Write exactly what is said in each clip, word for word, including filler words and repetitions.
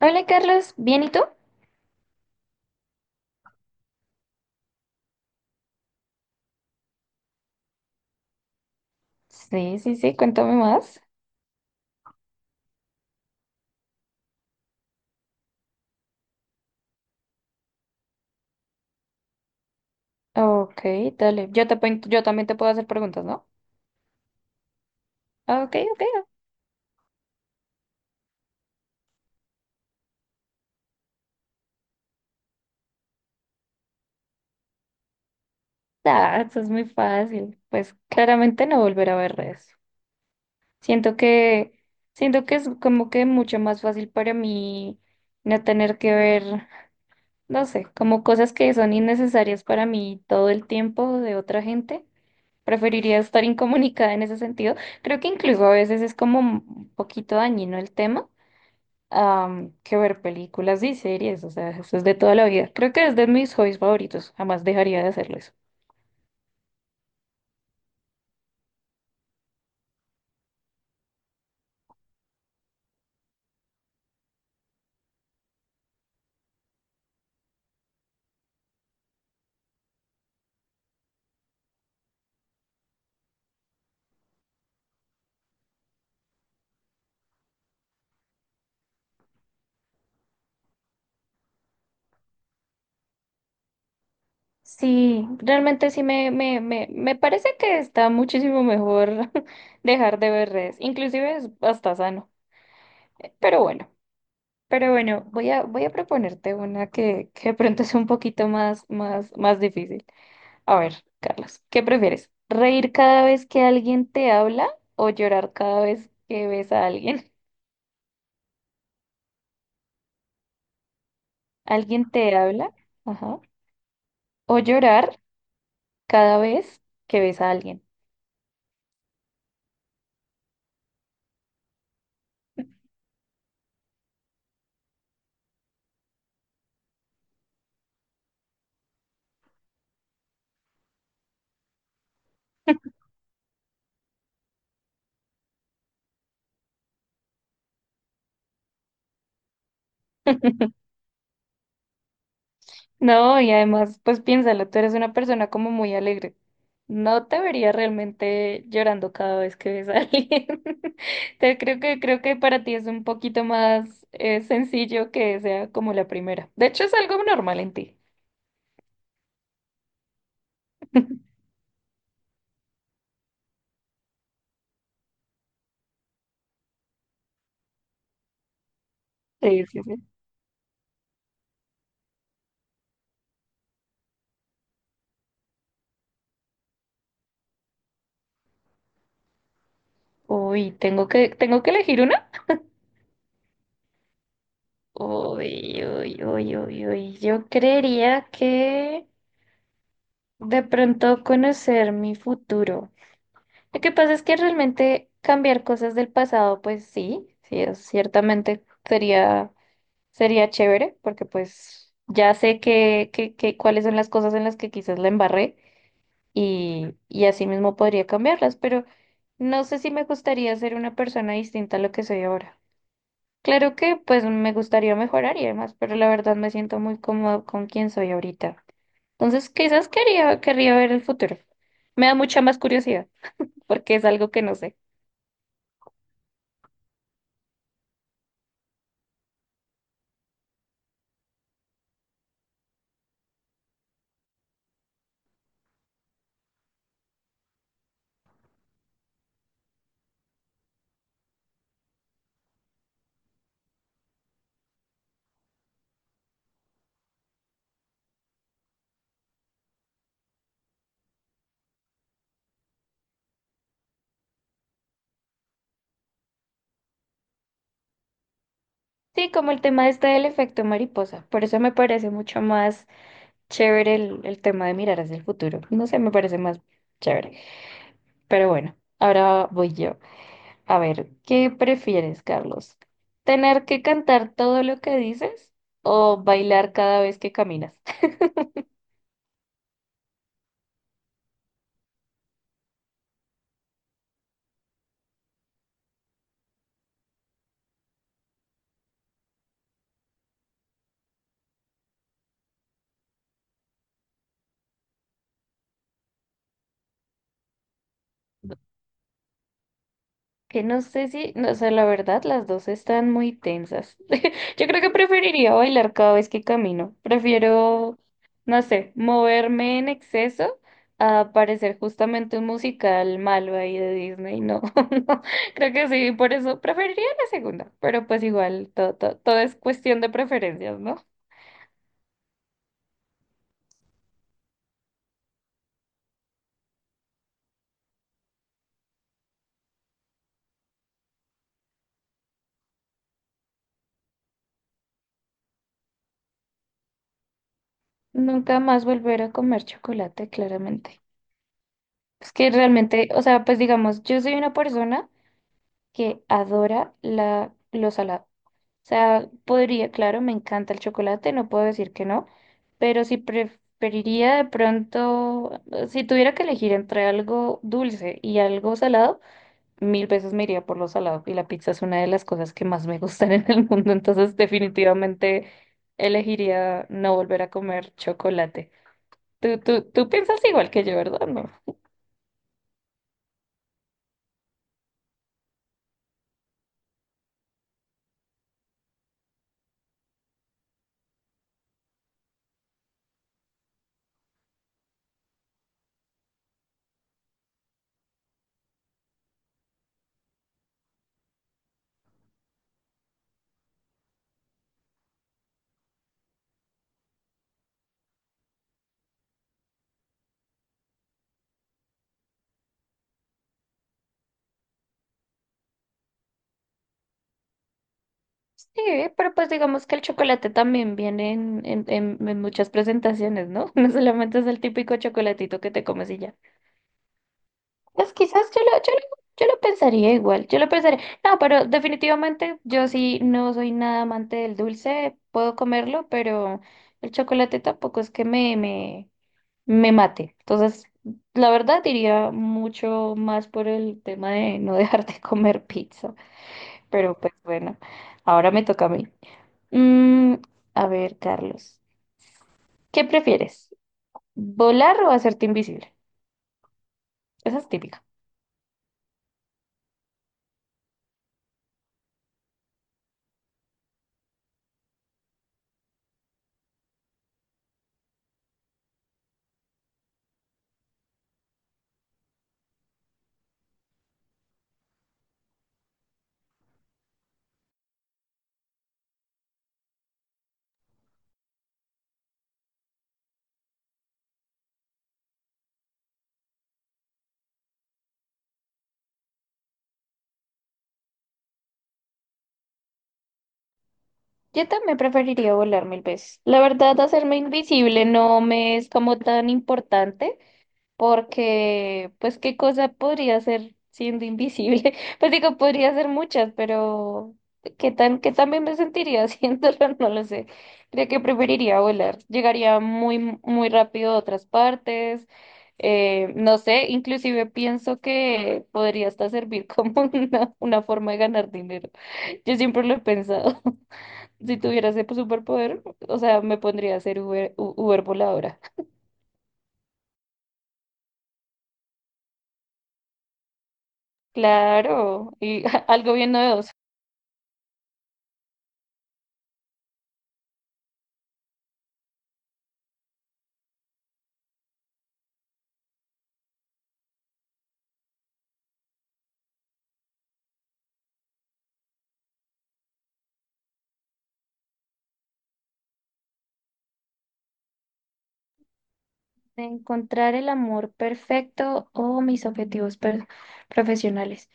Hola Carlos, ¿bien y tú? Sí, sí, sí, cuéntame más. Ok, dale. Yo, te, pon- yo también te puedo hacer preguntas, ¿no? Ah, ok, ok. Ah, eso es muy fácil. Pues claramente no volver a ver redes. Siento que, siento que es como que mucho más fácil para mí no tener que ver, no sé, como cosas que son innecesarias para mí todo el tiempo de otra gente. Preferiría estar incomunicada en ese sentido. Creo que incluso a veces es como un poquito dañino el tema am, que ver películas y series, o sea, eso es de toda la vida. Creo que es de mis hobbies favoritos, jamás dejaría de hacerlo eso. Sí, realmente sí me, me, me, me parece que está muchísimo mejor dejar de ver redes, inclusive es hasta sano, pero bueno, pero bueno, voy a, voy a proponerte una que, que de pronto es un poquito más, más, más difícil. A ver, Carlos, ¿qué prefieres? ¿Reír cada vez que alguien te habla o llorar cada vez que ves a alguien? Alguien te habla, ajá, o llorar cada vez que ves a alguien. No, y además, pues piénsalo, tú eres una persona como muy alegre. No te vería realmente llorando cada vez que ves a alguien. te creo que Creo que para ti es un poquito más eh, sencillo que sea como la primera. De hecho, es algo normal en ti. Sí, sí, sí. Uy, tengo que tengo que elegir una. Uy, uy, uy, uy, uy. Yo creería que de pronto conocer mi futuro. Lo que pasa es que realmente cambiar cosas del pasado, pues sí, sí, es- ciertamente sería, sería chévere, porque pues ya sé que, que, que cuáles son las cosas en las que quizás la embarré y, y así mismo podría cambiarlas, pero no sé si me gustaría ser una persona distinta a lo que soy ahora. Claro que pues me gustaría mejorar y demás, pero la verdad me siento muy cómodo con quien soy ahorita. Entonces, quizás quería, querría ver el futuro. Me da mucha más curiosidad, porque es algo que no sé. Sí, como el tema este del efecto mariposa. Por eso me parece mucho más chévere el, el tema de mirar hacia el futuro. No sé, me parece más chévere. Pero bueno, ahora voy yo. A ver, ¿qué prefieres, Carlos? ¿Tener que cantar todo lo que dices o bailar cada vez que caminas? Que No sé si, no, o sea, la verdad, las dos están muy tensas. Yo creo que preferiría bailar cada vez que camino. Prefiero, no sé, moverme en exceso a parecer justamente un musical malo ahí de Disney. No, no, creo que sí, por eso preferiría la segunda. Pero pues igual, todo, todo, todo es cuestión de preferencias, ¿no? Nunca más volver a comer chocolate, claramente. Es que realmente, o sea, pues digamos, yo soy una persona que adora la, lo salado. Sea, podría, claro, me encanta el chocolate, no puedo decir que no, pero si preferiría de pronto, si tuviera que elegir entre algo dulce y algo salado, mil veces me iría por lo salado. Y la pizza es una de las cosas que más me gustan en el mundo, entonces definitivamente elegiría no volver a comer chocolate. Tú, tú, tú piensas igual que yo, ¿verdad? No, sí, pero pues digamos que el chocolate también viene en, en, en- en muchas presentaciones, ¿no? No solamente es el típico chocolatito que te comes y ya. Pues quizás yo lo, yo lo, yo lo pensaría igual, yo lo pensaría. No, pero definitivamente yo sí no soy nada amante del dulce, puedo comerlo, pero el chocolate tampoco es que me, me, me mate. Entonces, la verdad diría mucho más por el tema de no dejar de comer pizza, pero pues bueno, ahora me toca a mí. Mm, a ver, Carlos, ¿qué prefieres? ¿Volar o hacerte invisible? Esa es típica. Yo también preferiría volar mil veces. La verdad, hacerme invisible no me es como tan importante. Porque pues qué cosa podría ser siendo invisible. Pues digo, podría ser muchas, pero qué tan, qué tan bien me sentiría haciéndolo, no lo sé. Creo que preferiría volar. Llegaría muy, muy rápido a otras partes. Eh, no sé, inclusive pienso que podría hasta servir como una, una forma de ganar dinero. Yo siempre lo he pensado. Si tuviera ese superpoder, o sea, me pondría a ser Uber, U- Uber voladora. Claro, y algo bien novedoso. De encontrar el amor perfecto o mis objetivos per- profesionales.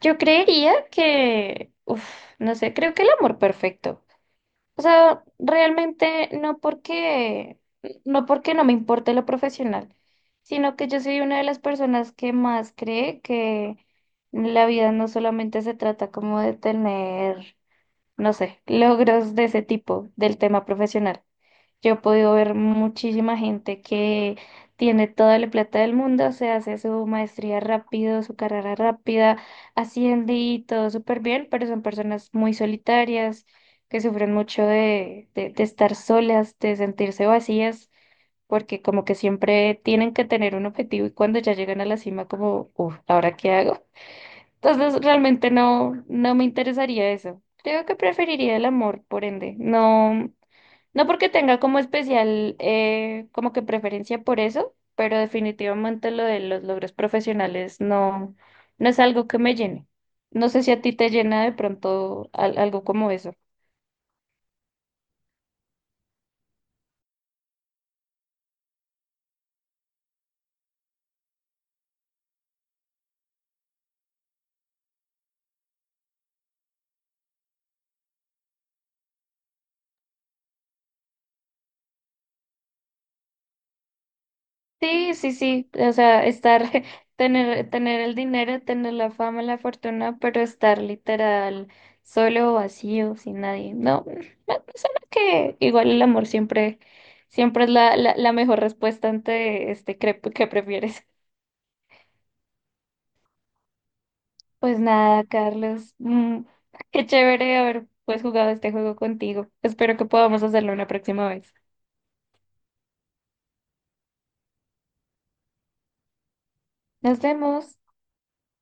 Yo creería que, uf, no sé, creo que el amor perfecto. O sea, realmente no porque, no porque no me importe lo profesional, sino que yo soy una de las personas que más cree que la vida no solamente se trata como de tener, no sé, logros de ese tipo del tema profesional. Yo he podido ver muchísima gente que tiene toda la plata del mundo, se hace su maestría rápido, su carrera rápida, asciende y todo súper bien, pero son personas muy solitarias, que sufren mucho de, de, de estar solas, de sentirse vacías, porque como que siempre tienen que tener un objetivo y cuando ya llegan a la cima como, uff, ¿ahora qué hago? Entonces realmente no, no me interesaría eso. Creo que preferiría el amor, por ende. No. No porque tenga como especial, eh, como que preferencia por eso, pero definitivamente lo de los logros profesionales no, no es algo que me llene. No sé si a ti te llena de pronto al- algo como eso. Sí, sí, sí, o sea, estar, tener, tener el dinero, tener la fama, la fortuna, pero estar literal solo, vacío, sin nadie. No, me suena que igual el amor siempre, siempre es la, la, la mejor respuesta ante este crep- que prefieres. Pues nada, Carlos, mm, qué chévere haber pues jugado este juego contigo. Espero que podamos hacerlo una próxima vez. Nos vemos.